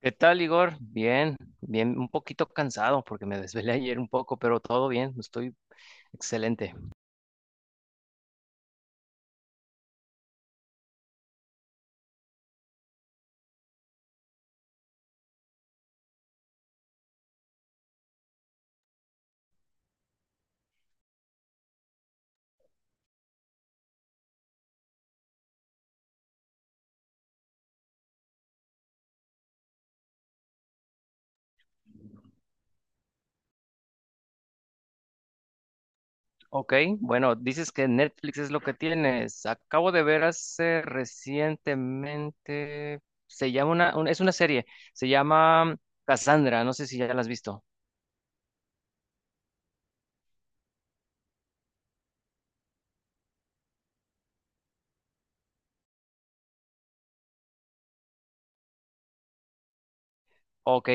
¿Qué tal, Igor? Bien, un poquito cansado porque me desvelé ayer un poco, pero todo bien, estoy excelente. Ok, bueno, dices que Netflix es lo que tienes. Acabo de ver hace recientemente, se llama es una serie, se llama Cassandra, no sé si ya la has visto. Ok,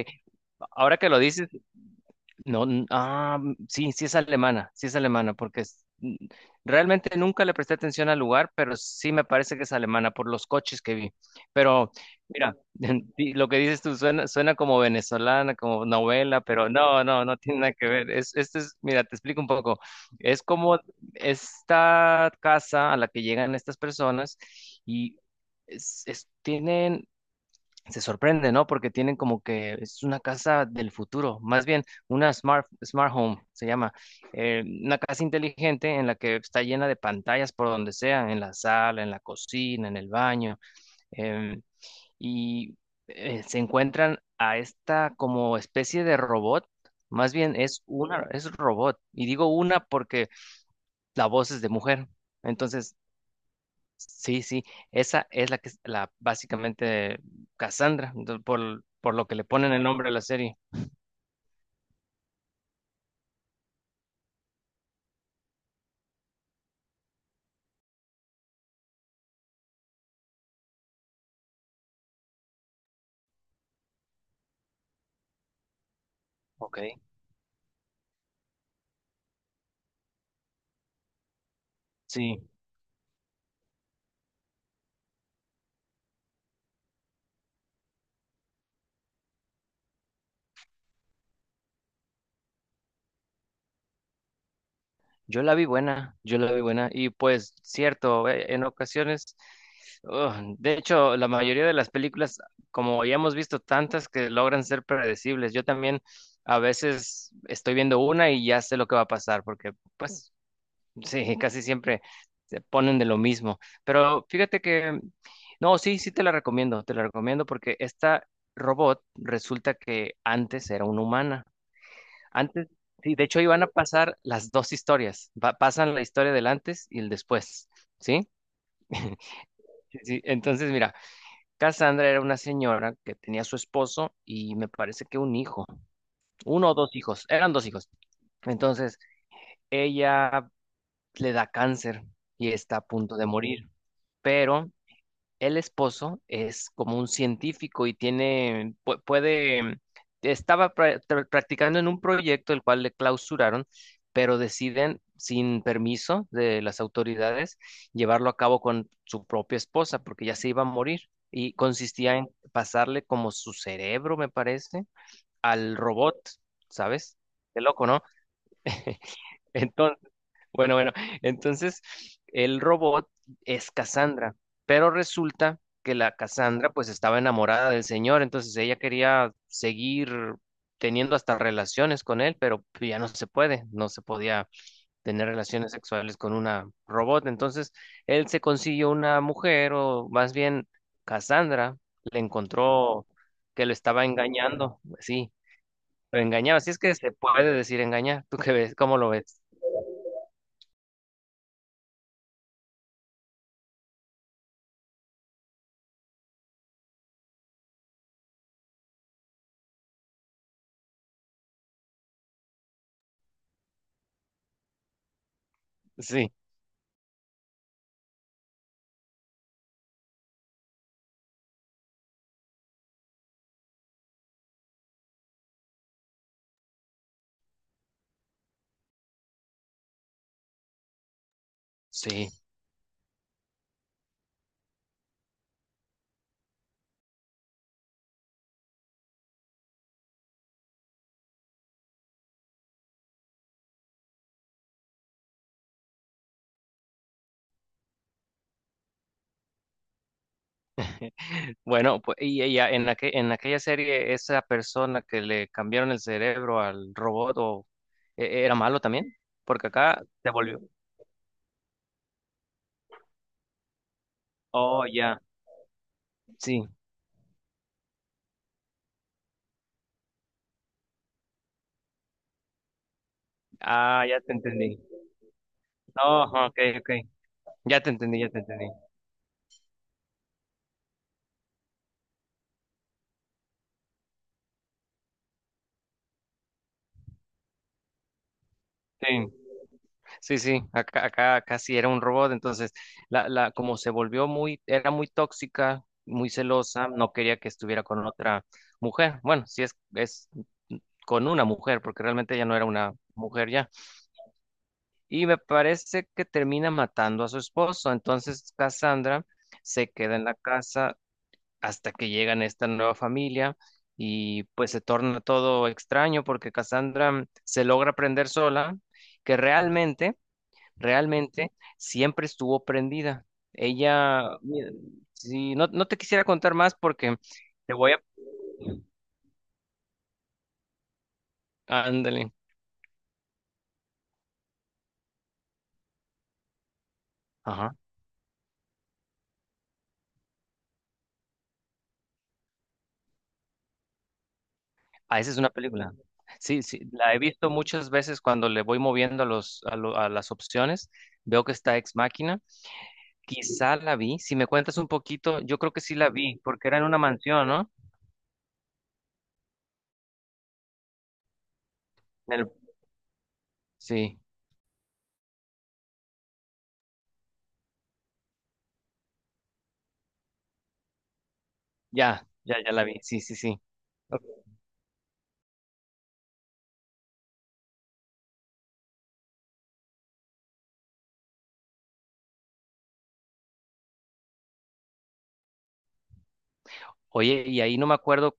ahora que lo dices, no, sí, es alemana, sí es alemana, realmente nunca le presté atención al lugar, pero sí me parece que es alemana por los coches que vi. Pero mira, lo que dices tú suena, suena como venezolana, como novela, pero no, no, no tiene nada que ver. Este es, mira, te explico un poco. Es como esta casa a la que llegan estas personas y es- tienen se sorprende, ¿no? Porque tienen como que es una casa del futuro, más bien una smart home, se llama, una casa inteligente en la que está llena de pantallas por donde sea, en la sala, en la cocina, en el baño, em, y se encuentran a esta como especie de robot, más bien es robot, y digo una porque la voz es de mujer. Entonces sí, sí, esa es la que es la básicamente Cassandra, por, lo que le ponen el nombre a la serie. Ok. Sí, yo la vi buena, yo la vi buena y pues cierto, en ocasiones, de hecho, la mayoría de las películas, como ya hemos visto tantas que logran ser predecibles, yo también a veces estoy viendo una y ya sé lo que va a pasar porque pues sí, casi siempre se ponen de lo mismo. Pero fíjate que, no, sí, sí te la recomiendo porque esta robot resulta que antes era una humana. Antes, sí, de hecho ahí van a pasar las dos historias. Pasan la historia del antes y el después, ¿sí? Sí, sí. Entonces, mira, Cassandra era una señora que tenía a su esposo y me parece que un hijo, uno o dos hijos, eran dos hijos. Entonces, ella le da cáncer y está a punto de morir. Pero el esposo es como un científico y tiene, puede, estaba practicando en un proyecto el cual le clausuraron, pero deciden, sin permiso de las autoridades, llevarlo a cabo con su propia esposa porque ya se iba a morir. Y consistía en pasarle como su cerebro, me parece, al robot, ¿sabes? Qué loco, ¿no? Entonces, bueno, entonces el robot es Cassandra, pero resulta que la Cassandra pues estaba enamorada del señor, entonces ella quería seguir teniendo hasta relaciones con él, pero pues, no se podía tener relaciones sexuales con una robot, entonces él se consiguió una mujer o más bien Cassandra le encontró que lo estaba engañando, sí, lo engañaba, si es que se puede decir engañar. ¿Tú qué ves? ¿Cómo lo ves? Sí, sí. Bueno, pues y ella en en aquella serie, esa persona que le cambiaron el cerebro al robot era malo también, porque acá se volvió. Oh, ya, sí. Ah, ya te entendí. Oh, ok, ok. Ya te entendí, ya te entendí. Sí, sí, sí. Acá, acá casi era un robot, entonces como se volvió muy, era muy tóxica, muy celosa, no quería que estuviera con otra mujer. Bueno, si es, es con una mujer, porque realmente ella no era una mujer ya. Y me parece que termina matando a su esposo. Entonces Cassandra se queda en la casa hasta que llegan esta nueva familia y pues se torna todo extraño porque Cassandra se logra prender sola, que realmente, realmente siempre estuvo prendida. Ella, mira, si no, no te quisiera contar más porque te voy a... Ándale. Ajá. Ah, esa es una película. Sí, sí, la he visto muchas veces cuando le voy moviendo a los, a las opciones. Veo que está Ex Máquina. Quizá la vi. Si me cuentas un poquito, yo creo que sí la vi, porque era en una mansión, ¿no? En el- sí, ya, ya, ya la vi. Sí, sí, sí. Oye, y ahí no me acuerdo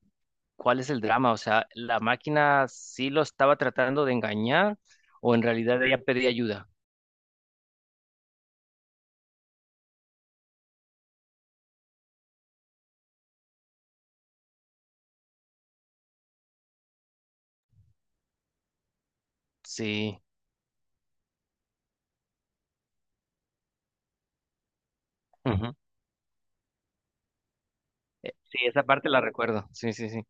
cuál es el drama, o sea, ¿la máquina sí lo estaba tratando de engañar o en realidad ella pedía ayuda? Sí, ujú. Sí, esa parte la recuerdo, sí, sí, sí.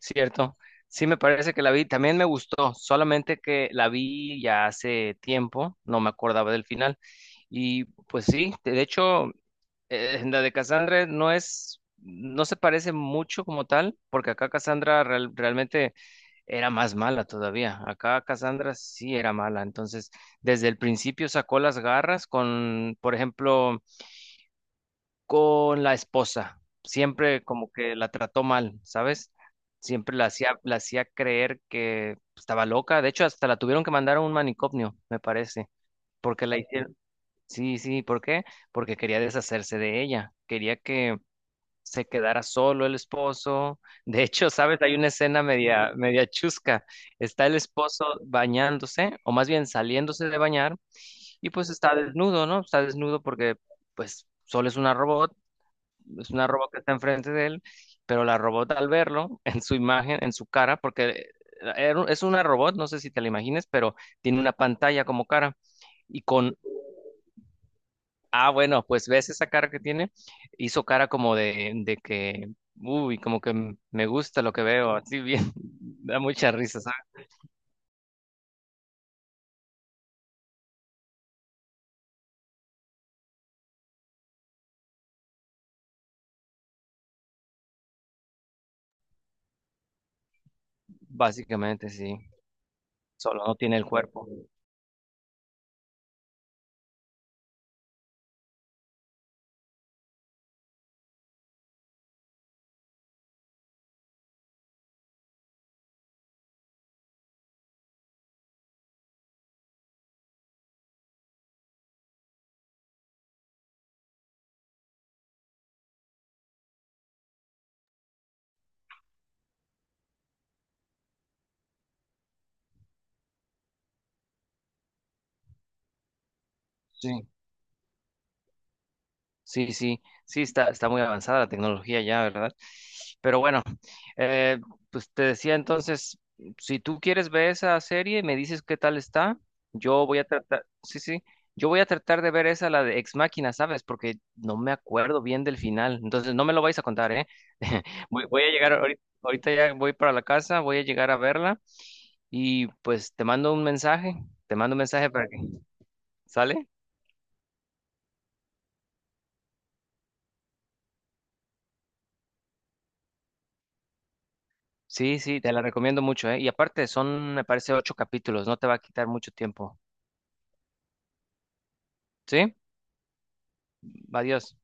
Cierto, sí me parece que la vi, también me gustó, solamente que la vi ya hace tiempo, no me acordaba del final. Y pues sí, de hecho, la de Cassandra no es, no se parece mucho como tal, porque acá Cassandra realmente era más mala todavía. Acá Cassandra sí era mala, entonces desde el principio sacó las garras con, por ejemplo, con la esposa. Siempre como que la trató mal, ¿sabes? Siempre la hacía creer que estaba loca. De hecho, hasta la tuvieron que mandar a un manicomio, me parece, porque la hicieron. Sí, sí, ¿por qué? Porque quería deshacerse de ella. Quería que se quedara solo el esposo. De hecho, ¿sabes? Hay una escena media, media chusca. Está el esposo bañándose, o más bien saliéndose de bañar, y pues está desnudo, ¿no? Está desnudo porque pues solo es una robot que está enfrente de él, pero la robot al verlo, en su imagen, en su cara, porque es una robot, no sé si te la imagines, pero tiene una pantalla como cara. Y con, ah, bueno, pues ves esa cara que tiene, hizo cara como de, que, uy, como que me gusta lo que veo, así bien, da mucha risa, ¿sabes? Básicamente, sí, solo no tiene el cuerpo. Sí. Sí, sí, sí, está, está muy avanzada la tecnología ya, ¿verdad? Pero bueno, eh, pues te decía entonces, si tú quieres ver esa serie y me dices qué tal está, yo voy a tratar, sí, sí, yo voy a tratar de ver esa, la de Ex Machina, ¿sabes? Porque no me acuerdo bien del final, entonces no me lo vais a contar, ¿eh? Voy, voy a llegar, ahorita, ahorita ya voy para la casa, voy a llegar a verla y pues te mando un mensaje, te mando un mensaje para que, ¿sale? Sí, sí, te la recomiendo mucho, ¿eh? Y aparte son, me parece, ocho capítulos, no te va a quitar mucho tiempo. ¿Sí? Adiós.